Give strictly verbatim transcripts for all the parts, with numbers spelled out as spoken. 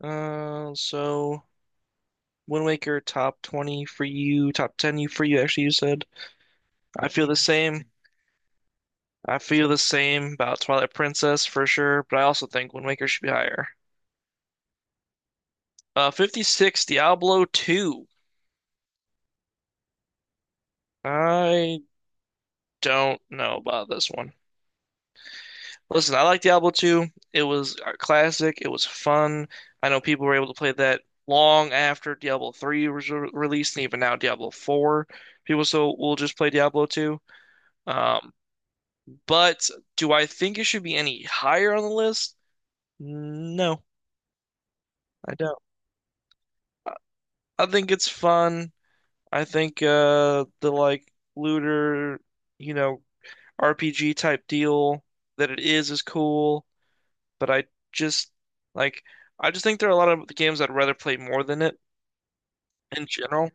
Uh, so Wind Waker top twenty for you, top ten for you actually you said. I feel the same. I feel the same about Twilight Princess for sure, but I also think Wind Waker should be higher. Uh, fifty-six, Diablo two. I don't know about this one. Listen, I like Diablo two. It was a classic. It was fun. I know people were able to play that long after Diablo three was re released, and even now Diablo four. People still will just play Diablo two. Um, But do I think it should be any higher on the list? No, I don't. I I think it's fun. I think uh the like looter, you know, R P G type deal that it is is cool, but I just like I just think there are a lot of games I'd rather play more than it in general.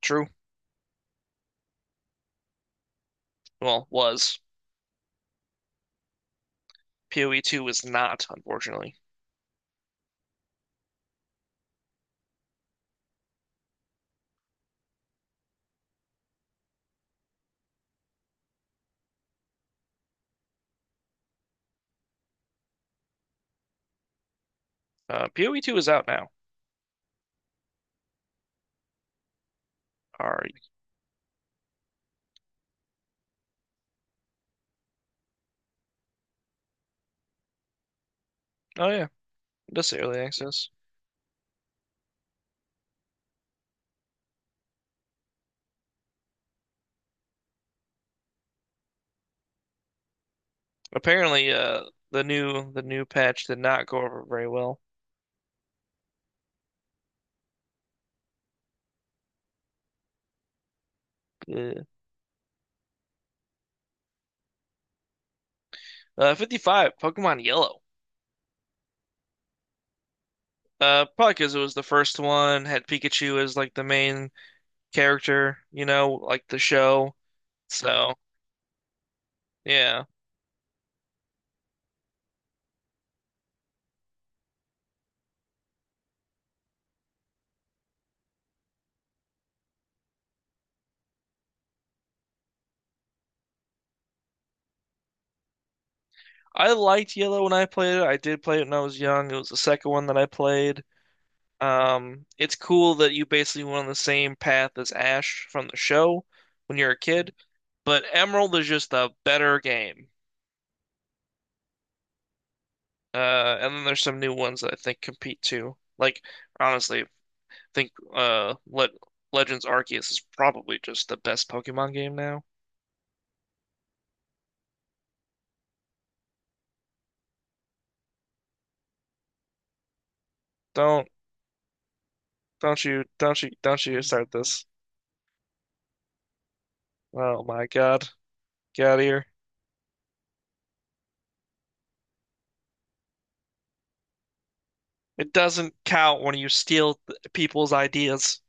True. Well, was. PoE two is not, unfortunately. Uh PoE two is out now. Are oh yeah, it does say early access. Apparently, uh, the new the new patch did not go over very well. Yeah. Uh, fifty-five, Pokemon Yellow. Uh, probably because it was the first one, had Pikachu as like the main character, you know, like the show. So, yeah. I liked Yellow when I played it. I did play it when I was young. It was the second one that I played. Um, it's cool that you basically went on the same path as Ash from the show when you're a kid, but Emerald is just a better game. Uh, and then there's some new ones that I think compete too. Like honestly, I think uh Le Legends Arceus is probably just the best Pokemon game now. Don't don't you don't you don't you start this. Oh my God. Get out of here. It doesn't count when you steal th- people's ideas.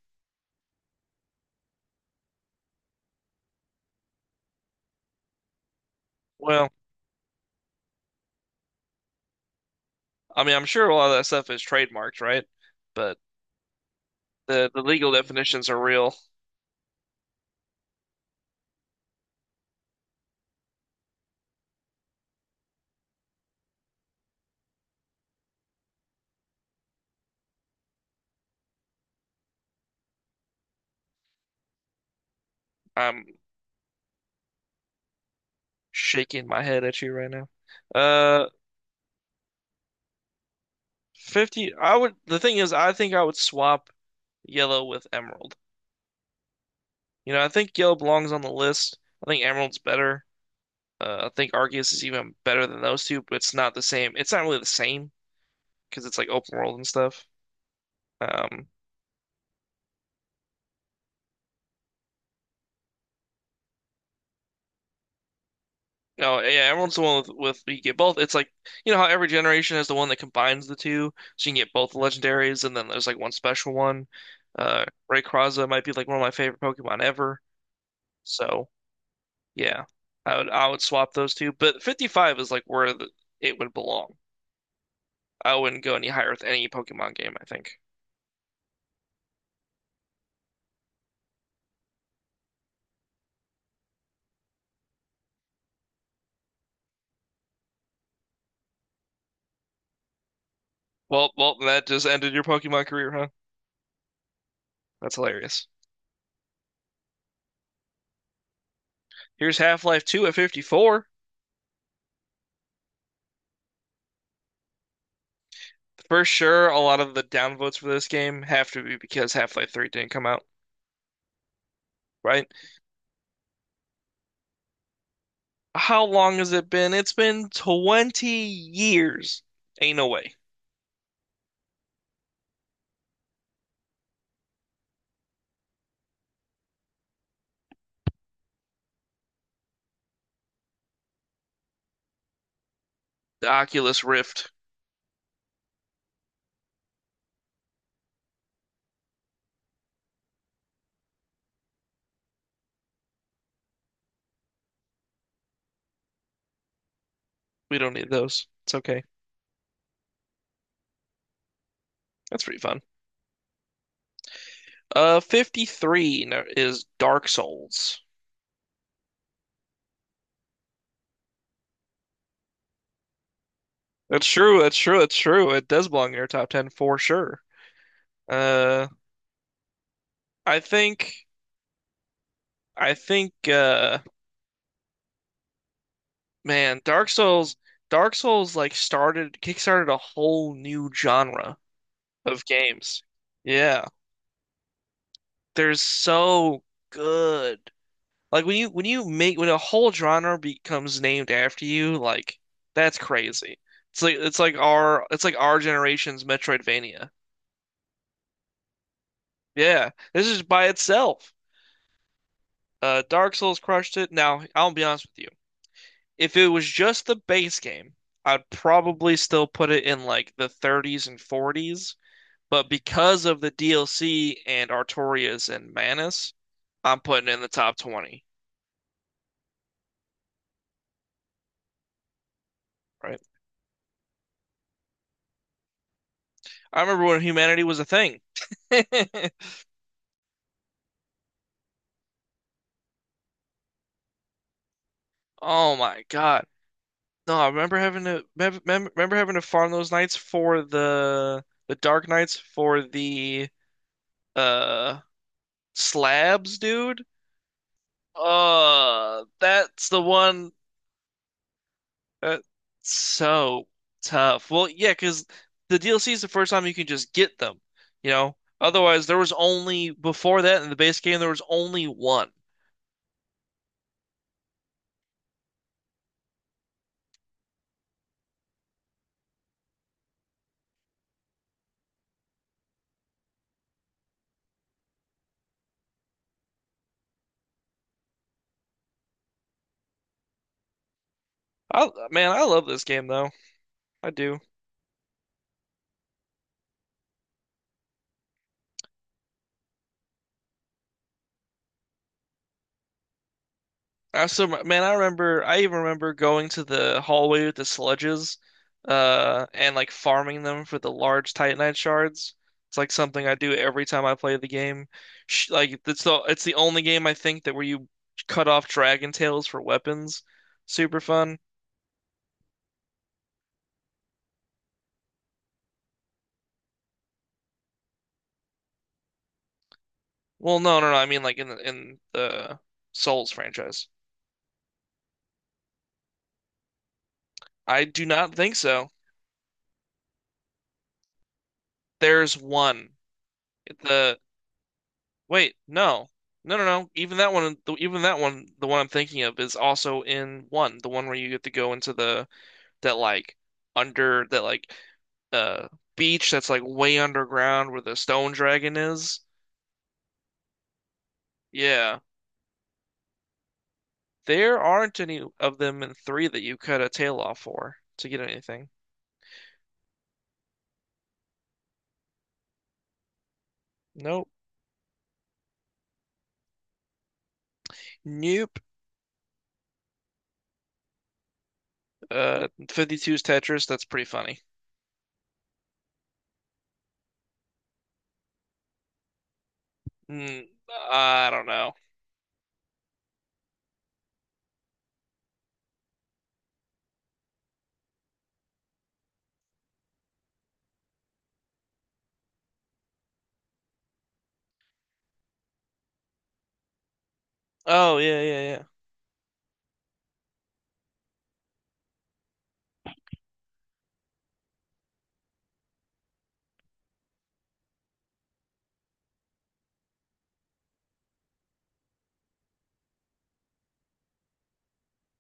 Well, I mean, I'm sure a lot of that stuff is trademarked, right? But the the legal definitions are real. I'm shaking my head at you right now. Uh, fifty, I would, the thing is, I think I would swap yellow with emerald. You know, I think yellow belongs on the list. I think emerald's better. Uh, I think Arceus is even better than those two, but it's not the same. It's not really the same because it's like open world and stuff. Um, no, yeah, emerald's the one with, with you get both. It's like you know how every generation has the one that combines the two, so you can get both the legendaries, and then there's like one special one. Uh, Rayquaza might be like one of my favorite Pokemon ever. So yeah, I would I would swap those two, but fifty-five is like where the, it would belong. I wouldn't go any higher with any Pokemon game, I think. Well, well, that just ended your Pokemon career, huh? That's hilarious. Here's Half-Life two at fifty-four. For sure, a lot of the downvotes for this game have to be because Half-Life three didn't come out, right? How long has it been? It's been twenty years. Ain't no way. The Oculus Rift. We don't need those. It's okay. That's pretty fun. Uh, fifty-three no- is Dark Souls. That's true, that's true, that's true. It does belong in your top ten for sure. Uh, I think I think uh man, Dark Souls Dark Souls like started kickstarted a whole new genre of games. Yeah. They're so good. Like when you when you make when a whole genre becomes named after you, like that's crazy. It's like it's like our it's like our generation's Metroidvania. Yeah. This is by itself. Uh Dark Souls crushed it. Now, I'll be honest with you. If it was just the base game, I'd probably still put it in like the thirties and forties, but because of the D L C and Artorias and Manus, I'm putting it in the top twenty, right? I remember when humanity was a thing. Oh my God. No, I remember having to remember having to farm those nights for the the Dark Knights for the uh slabs, dude. Uh, that's the one That's so tough. Well, yeah, because the D L C is the first time you can just get them, you know? Otherwise, there was only, before that in the base game, there was only one. I, man, I love this game though. I do. I so Man, I remember. I even remember going to the hallway with the sludges, uh, and like farming them for the large Titanite shards. It's like something I do every time I play the game. Sh like It's the it's the only game I think that where you cut off dragon tails for weapons. Super fun. Well, no, no, no. I mean like in the, in the Souls franchise. I do not think so. There's one. The Wait, no. No, no, no. Even that one, the- even that one, the one I'm thinking of is also in one, the one where you get to go into the that like under that like uh beach that's like way underground where the stone dragon is. Yeah. There aren't any of them in three that you cut a tail off for to get anything. Nope. Nope. Uh, fifty-two's Tetris, that's pretty funny. Mm, I don't know. Oh, yeah, yeah,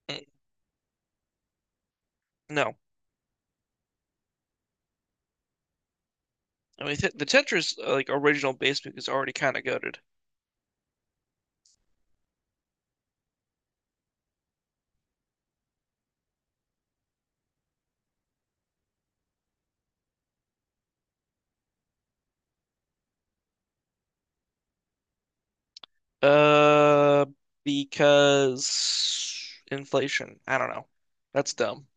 yeah. Mm, no. I mean, the Tetris uh, like original basement is already kind of goated. Uh, because inflation. I don't know. That's dumb.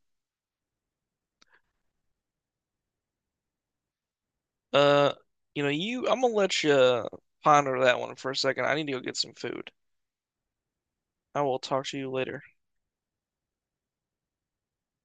Uh, you know, you. I'm gonna let you ponder that one for a second. I need to go get some food. I will talk to you later.